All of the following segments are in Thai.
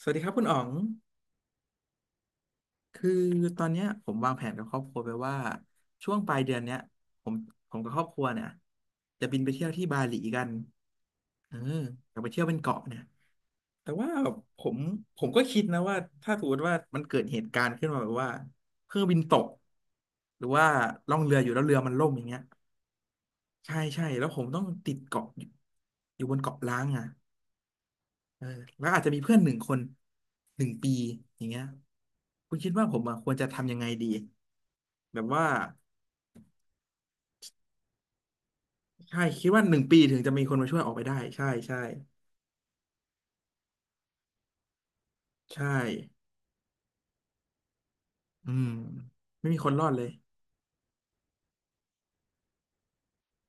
สวัสดีครับคุณอ๋องคือตอนเนี้ยผมวางแผนกับครอบครัวไปว่าช่วงปลายเดือนเนี้ยผมผมกับครอบครัวเนี่ยจะบินไปเที่ยวที่บาหลีกันเอออยากไปเที่ยวเป็นเกาะเนี่ยแต่ว่าผมผมก็คิดนะว่าถ้าสมมติว่ามันเกิดเหตุการณ์ขึ้นมาแบบว่าเครื่องบินตกหรือว่าล่องเรืออยู่แล้วเรือมันล่มอย่างเงี้ยใช่ใช่แล้วผมต้องติดเกาะอยู่อยู่บนเกาะล้างอ่ะ เออแล้วอาจจะมีเพื่อนหนึ่งคนหนึ่งปีอย่างเงี้ยคุณคิดว่าผมอะควรจะทำยังไงดีแบบว่าใช่คิดว่าหนึ่งปีถึงจะมีคนมาช่วยออกไปได้ใช่ใช่ใช่อืมไม่มีคนรอดเลย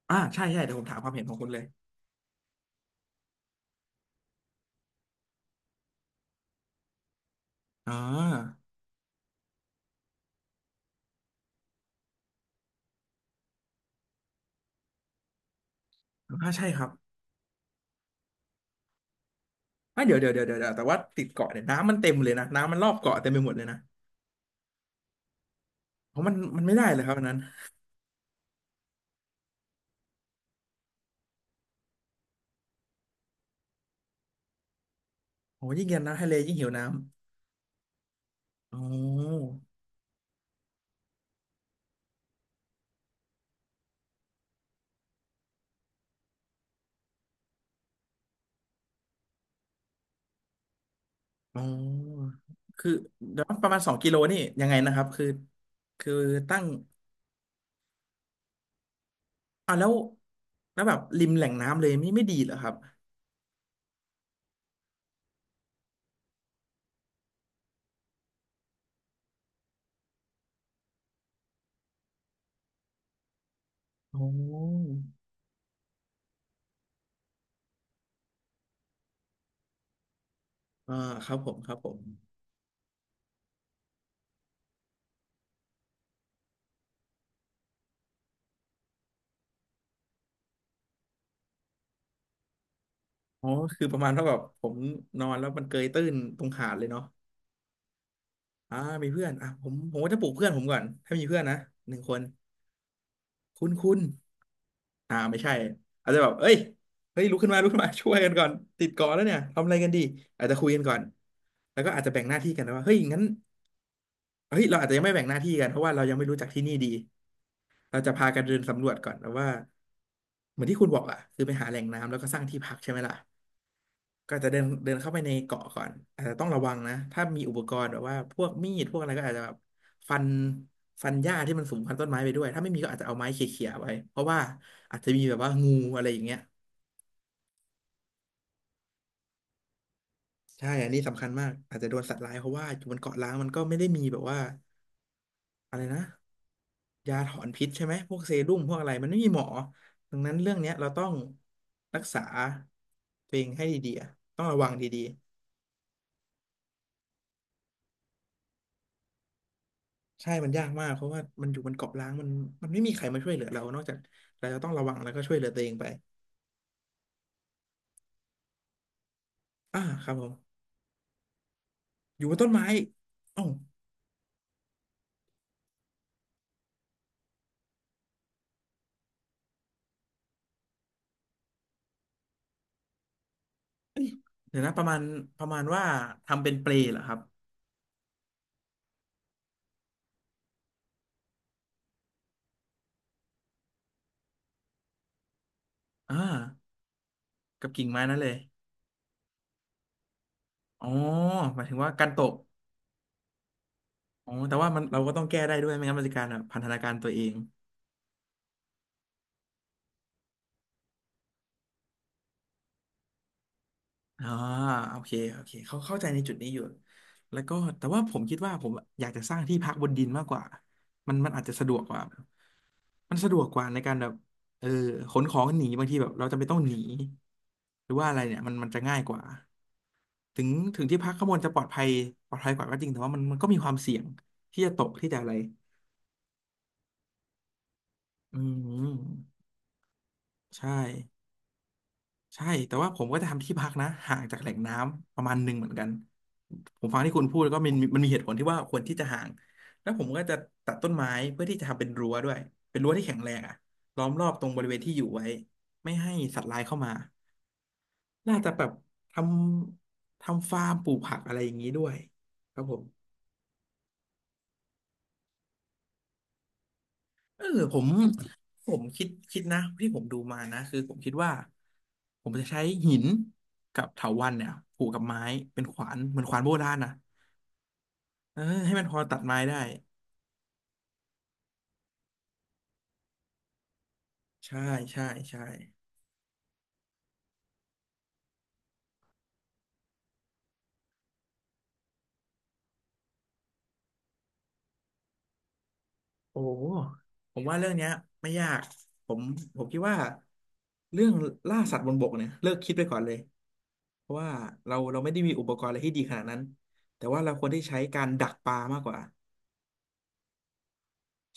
อ่าใช่ใช่เดี๋ยวผมถามความเห็นของคุณเลยอ่าอ่าใช่ครับอ่าเดี๋ยวเดี๋ยวเดี๋ยวเดี๋ยวแต่ว่าติดเกาะเนี่ยน้ำมันเต็มเลยนะน้ำมันรอบเกาะเต็มไปหมดเลยนะเพราะมันไม่ได้เลยครับอันนั้นโอ้ยิ่งเย็นน้ำทะเลยิ่งหิวน้ำโอ๋ อ๋อคือเดี๋ยวนะประมาณ2 กิโลนี่ยังไงนะครับคือตั้งอ่ะแล้วแล้วแบบริมแหล่งน้ำเลยไม่ไม่ดีเหรอครับอ๋ออ่าครับผมครับผมอ๋อคือประมาณว่าแบบผมนอนแล้วมันเกยตื้นตรงหาดเลยเนาะอ่ามีเพื่อนอ่ะผมก็จะปลุกเพื่อนผมก่อนถ้ามีเพื่อนนะหนึ่งคนคุณคุณอ่าไม่ใช่อาจจะแบบเอ้ยเฮ้ยลุกขึ้นมาลุกขึ้นมาช่วยกันก่อนติดเกาะแล้วเนี่ยทำอะไรกันดีอาจจะคุยกันก่อนแล้วก็อาจจะแบ่งหน้าที่กันนะว่าเฮ้ยงั้น เฮ้ยเราอาจจะยังไม่แบ่งหน้าที่กันเพราะว่าเรายังไม่รู้จักที่นี่ดี เราจะพากันเดินสำรวจก่อนแล้วว่าเหมือนที่คุณบอกอะคือไปหาแหล่งน้ำแล้วก็สร้างที่พักใช่ไหมล่ะก็จะเดินเดินเข้าไปในเกาะก่อนอาจจะต้องระวังนะถ้ามีอุปกรณ์แบบว่าพวกมีดพวกอะไรก็อาจจะแบบฟันฟันหญ้าที่มันสูงพันต้นไม้ไปด้วยถ้าไม่มีก็อาจจะเอาไม้เขี่ยๆไว้เพราะว่าอาจจะมีแบบว่างูอะไรอย่างเงี้ยใช่อันนี้สำคัญมากอาจจะโดนสัตว์ร้ายเพราะว่าอยู่บนเกาะล้างมันก็ไม่ได้มีแบบว่าอะไรนะ ยาถอนพิษใช่ไหมพวกเซรุ่มพวกอะไรมันไม่มีหมอดังนั้นเรื่องเนี้ยเราต้องรักษาตัวเองให้ดีๆอะต้องระวังดีๆใช่ มันยากมากเพราะว่ามันอยู่บนเกาะล้างมันไม่มีใครมาช่วยเหลือเรานอกจากเราจะต้องระวังแล้วก็ช่วยเหลือตัวเองไปอ่าครับผมอยู่บนต้นไม้เอ้าเดี๋ยวนะประมาณว่าทำเป็นเปลเหรอครับอ่ากับกิ่งไม้นั่นเลยอ๋อหมายถึงว่าการตกอ๋อแต่ว่ามันเราก็ต้องแก้ได้ด้วยไม่งั้นมันจะการแบบพันธนาการตัวเอง อ่าโอเคโอเคเขาเข้าใจในจุดนี้อยู่แล้วก็แต่ว่าผมคิดว่าผมอยากจะสร้างที่พักบนดินมากกว่ามันมันอาจจะสะดวกกว่ามันสะดวกกว่าในการแบบเออขนของหนีบางทีแบบเราจำเป็นต้องหนีหรือว่าอะไรเนี่ยมันมันจะง่ายกว่าถึงถึงที่พักข้างบนจะปลอดภัยปลอดภัยกว่าก็จริงแต่ว่ามันมันก็มีความเสี่ยงที่จะตกที่จะอะไรอืมใช่ ใช่แต่ว่าผมก็จะทำที่พักนะห่างจากแหล่งน้ำประมาณหนึ่งเหมือนกันผมฟังที่คุณพูดแล้วก็มันมันมีเหตุผลที่ว่าควรที่จะห่างแล้วผมก็จะตัดต้นไม้เพื่อที่จะทำเป็นรั้วด้วยเป็นรั้วที่แข็งแรงอะล้อมรอบตรงบริเวณที่อยู่ไว้ไม่ให้สัตว์ร้ายเข้ามาน่าจะแบบททำฟาร์มปลูกผักอะไรอย่างนี้ด้วยครับผมเออผมผมคิดนะที่ผมดูมานะคือผมคิดว่าผมจะใช้หินกับเถาวัลย์เนี่ยผูกกับไม้เป็นขวานเหมือนขวานโบราณนะ เออให้มันพอตัดไม้ได้ใช่ใช่ใช่โอ้โหผมว่าเรื่องเนี้ยไม่ยากผมผมคิดว่าเรื่องล่าสัตว์บนบกเนี่ยเลิกคิดไปก่อนเลยเพราะว่าเราไม่ได้มีอุปกรณ์อะไรที่ดีขนาดนั้นแต่ว่าเราควรที่ใช้การดักปลามากกว่า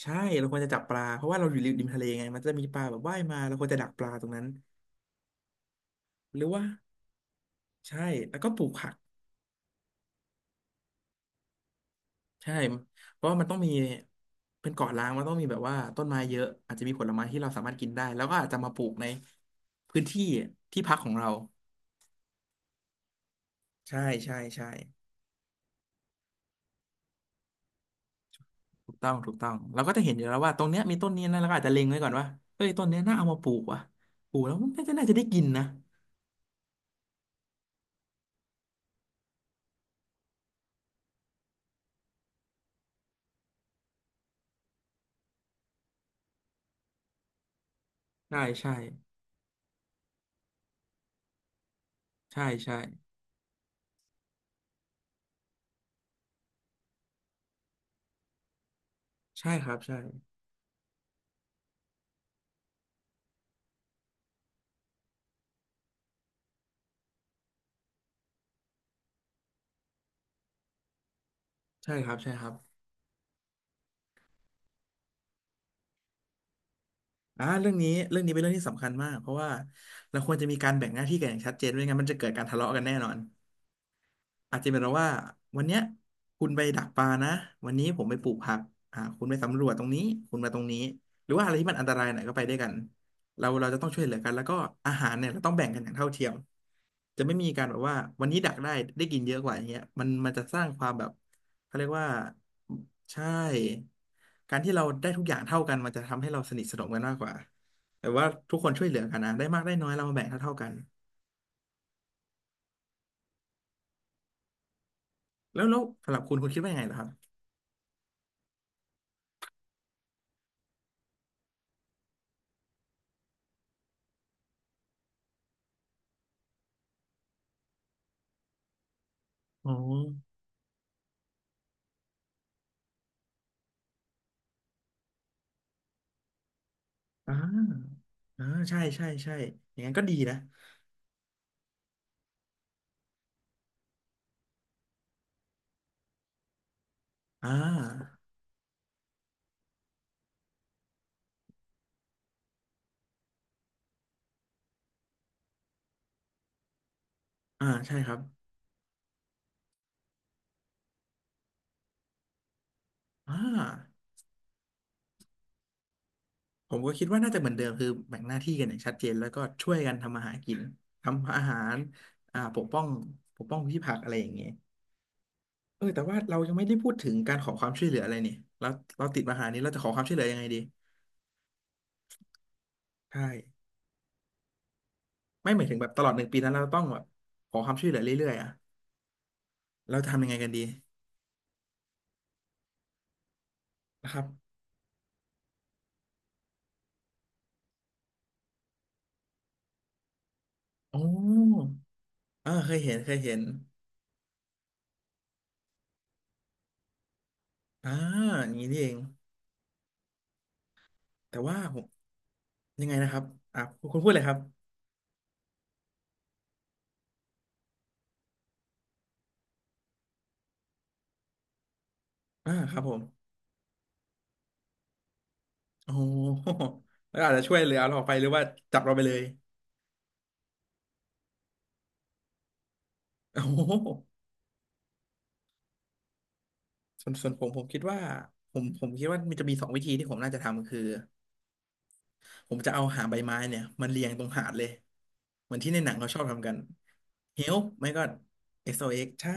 ใช่เราควรจะจับปลาเพราะว่าเราอยู่ริมทะเลไงมันจะมีปลาแบบว่ายมาเราควรจะดักปลาตรงนั้นหรือว่าใช่แล้วก็ปลูกผัก ใช่เพราะว่ามันต้องมีเป็นเกาะล้างมันต้องมีแบบว่าต้นไม้เยอะอาจจะมีผลไม้ที่เราสามารถกินได้แล้วก็อาจจะมาปลูกในพื้นที่ที่พักของเราใช่ใช่ใช่ถูกต้องถูกต้องเราก็จะเห็นอยู่แล้วว่าตรงเนี้ยมีต้นนี้นะเราก็อาจจะเล็งไว้ก่อนว่าเอ้ยต้นเนี้ยน่าเอามาปลูกว่ะปลูกแล้วมันก็น่าจะได้กินนะใช่ใช่ใช่ใช่ใช่ครับใช่ใช่ครับใช่ครับเรื่องนี้เรื่องนี้เป็นเรื่องที่สำคัญมากเพราะว่าเราควรจะมีการแบ่งหน้าที่กันอย่างชัดเจนไม่งั้นมันจะเกิดการทะเลาะกันแน่นอน อาจจะเป็นเราว่าวันเนี้ยคุณไปดักปลานะวันนี้ผมไปปลูกผักคุณไปสำรวจตรงนี้คุณมาตรงนี้หรือว่าอะไรที่มันอันตรายหน่อยก็ไปด้วยกันเราจะต้องช่วยเหลือกันแล้วก็อาหารเนี่ยเราต้องแบ่งกันอย่างเท่าเทียมจะไม่มีการแบบว่าวันนี้ดักได้ได้กินเยอะกว่าอย่างเงี้ยมันจะสร้างความแบบเขาเรียกว่าใช่การที่เราได้ทุกอย่างเท่ากันมันจะทำให้เราสนิทสนมกันมากกว่าแต่ว่าทุกคนช่วยเหลือกันนะได้มากได้น้อยเรามาแบ่งเท่าเท่ากันแล้วสำหรับคุณคุณคิดว่ายังไงเหรอครับอ๋ออ่า อ่าใช่ใช่ใช่อย่างนั้นก็ดีนะอ่าอ่าใช่ครับอ่าผมก็คิดว่าน่าจะเหมือนเดิมคือแบ่งหน้าที่กันอย่างชัดเจนแล้วก็ช่วยกันทำอาหารกินทำอาหารปกป้องปกป้องพืชผักอะไรอย่างเงี้ยเออแต่ว่าเรายังไม่ได้พูดถึงการขอความช่วยเหลืออะไรเนี่ยเราเราติดปัญหานี้เราจะขอความช่วยเหลือยังไงดีใช่ไม่หมายถึงแบบตลอด1 ปีนั้นเราต้องแบบขอความช่วยเหลือเรื่อยๆอ่ะเราจะทำยังไงกันดีนะครับออเออเคยเห็นเคยเห็นอ่าอย่างนี้นี่เองแต่ว่าผม ยังไงนะครับอ่ะคุณพูดเลยครับครับผมโอ้โหแล้วอาจจะช่วยเหลือเราออกไปหรือว่าจับเราไปเลยโอ้โหส่วนส่วนผมผมคิดว่าผมคิดว่ามันจะมีสองวิธีที่ผมน่าจะทำคือผมจะเอาหางใบไม้เนี่ยมันเรียงตรงหาดเลยเหมือนที่ในหนังเขาชอบทำกันเฮลไม่ก็ XOX ใช่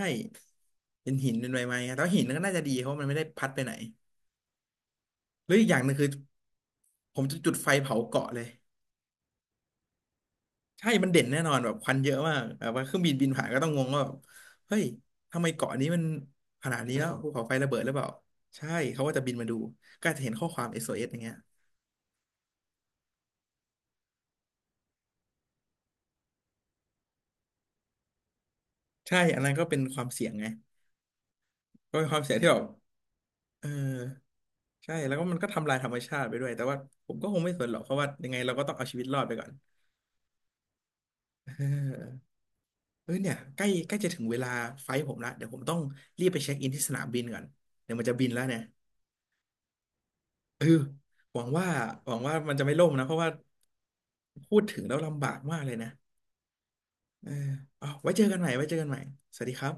เป็นหินเป็นใบไม้ครับแต่ว่าหินนั้นก็น่าจะดีเพราะมันไม่ได้พัดไปไหนหรืออีกอย่างหนึ่งคือผมจะจุดไฟเผาเกาะเลย ใช่มันเด่นแน่นอนแบบควันเยอะมากแบบว่าเครื่องบินบินผ่านก็ต้องงงว่าแบบเฮ้ยทำไมเกาะนี้มันขนาดนี้แล้วภูเขาไฟระเบิดหรือเปล่าใช่เขาก็จะบินมาดูก็จะเห็นข้อความเอ o s อเอสอย่างเงี้ยใช่อันนั้นก็เป็นความเสี่ยงไงก็เป็นความเสี่ยงที่แบบเออใช่แล้วก็มันก็ทำลายธรรมชาติไปด้วยแต่ว่าผมก็คงไม่สนหรอกเพราะว่ายังไงเราก็ต้องเอาชีวิตรอดไปก่อนเออเอยเนี่ยใกล้ใกล้จะถึงเวลาไฟล์ผมละเดี๋ยวผมต้องรีบไปเช็คอินที่สนามบินก่อนเดี๋ยวมันจะบินแล้วเนี่ยเออหวังว่าหวังว่ามันจะไม่ล่มนะเพราะว่า พูดถึงแล้วลำบากมากเลยนะเออเอาไว้เจอกันใหม่ไว้เจอกันใหม่สวัสดีครับ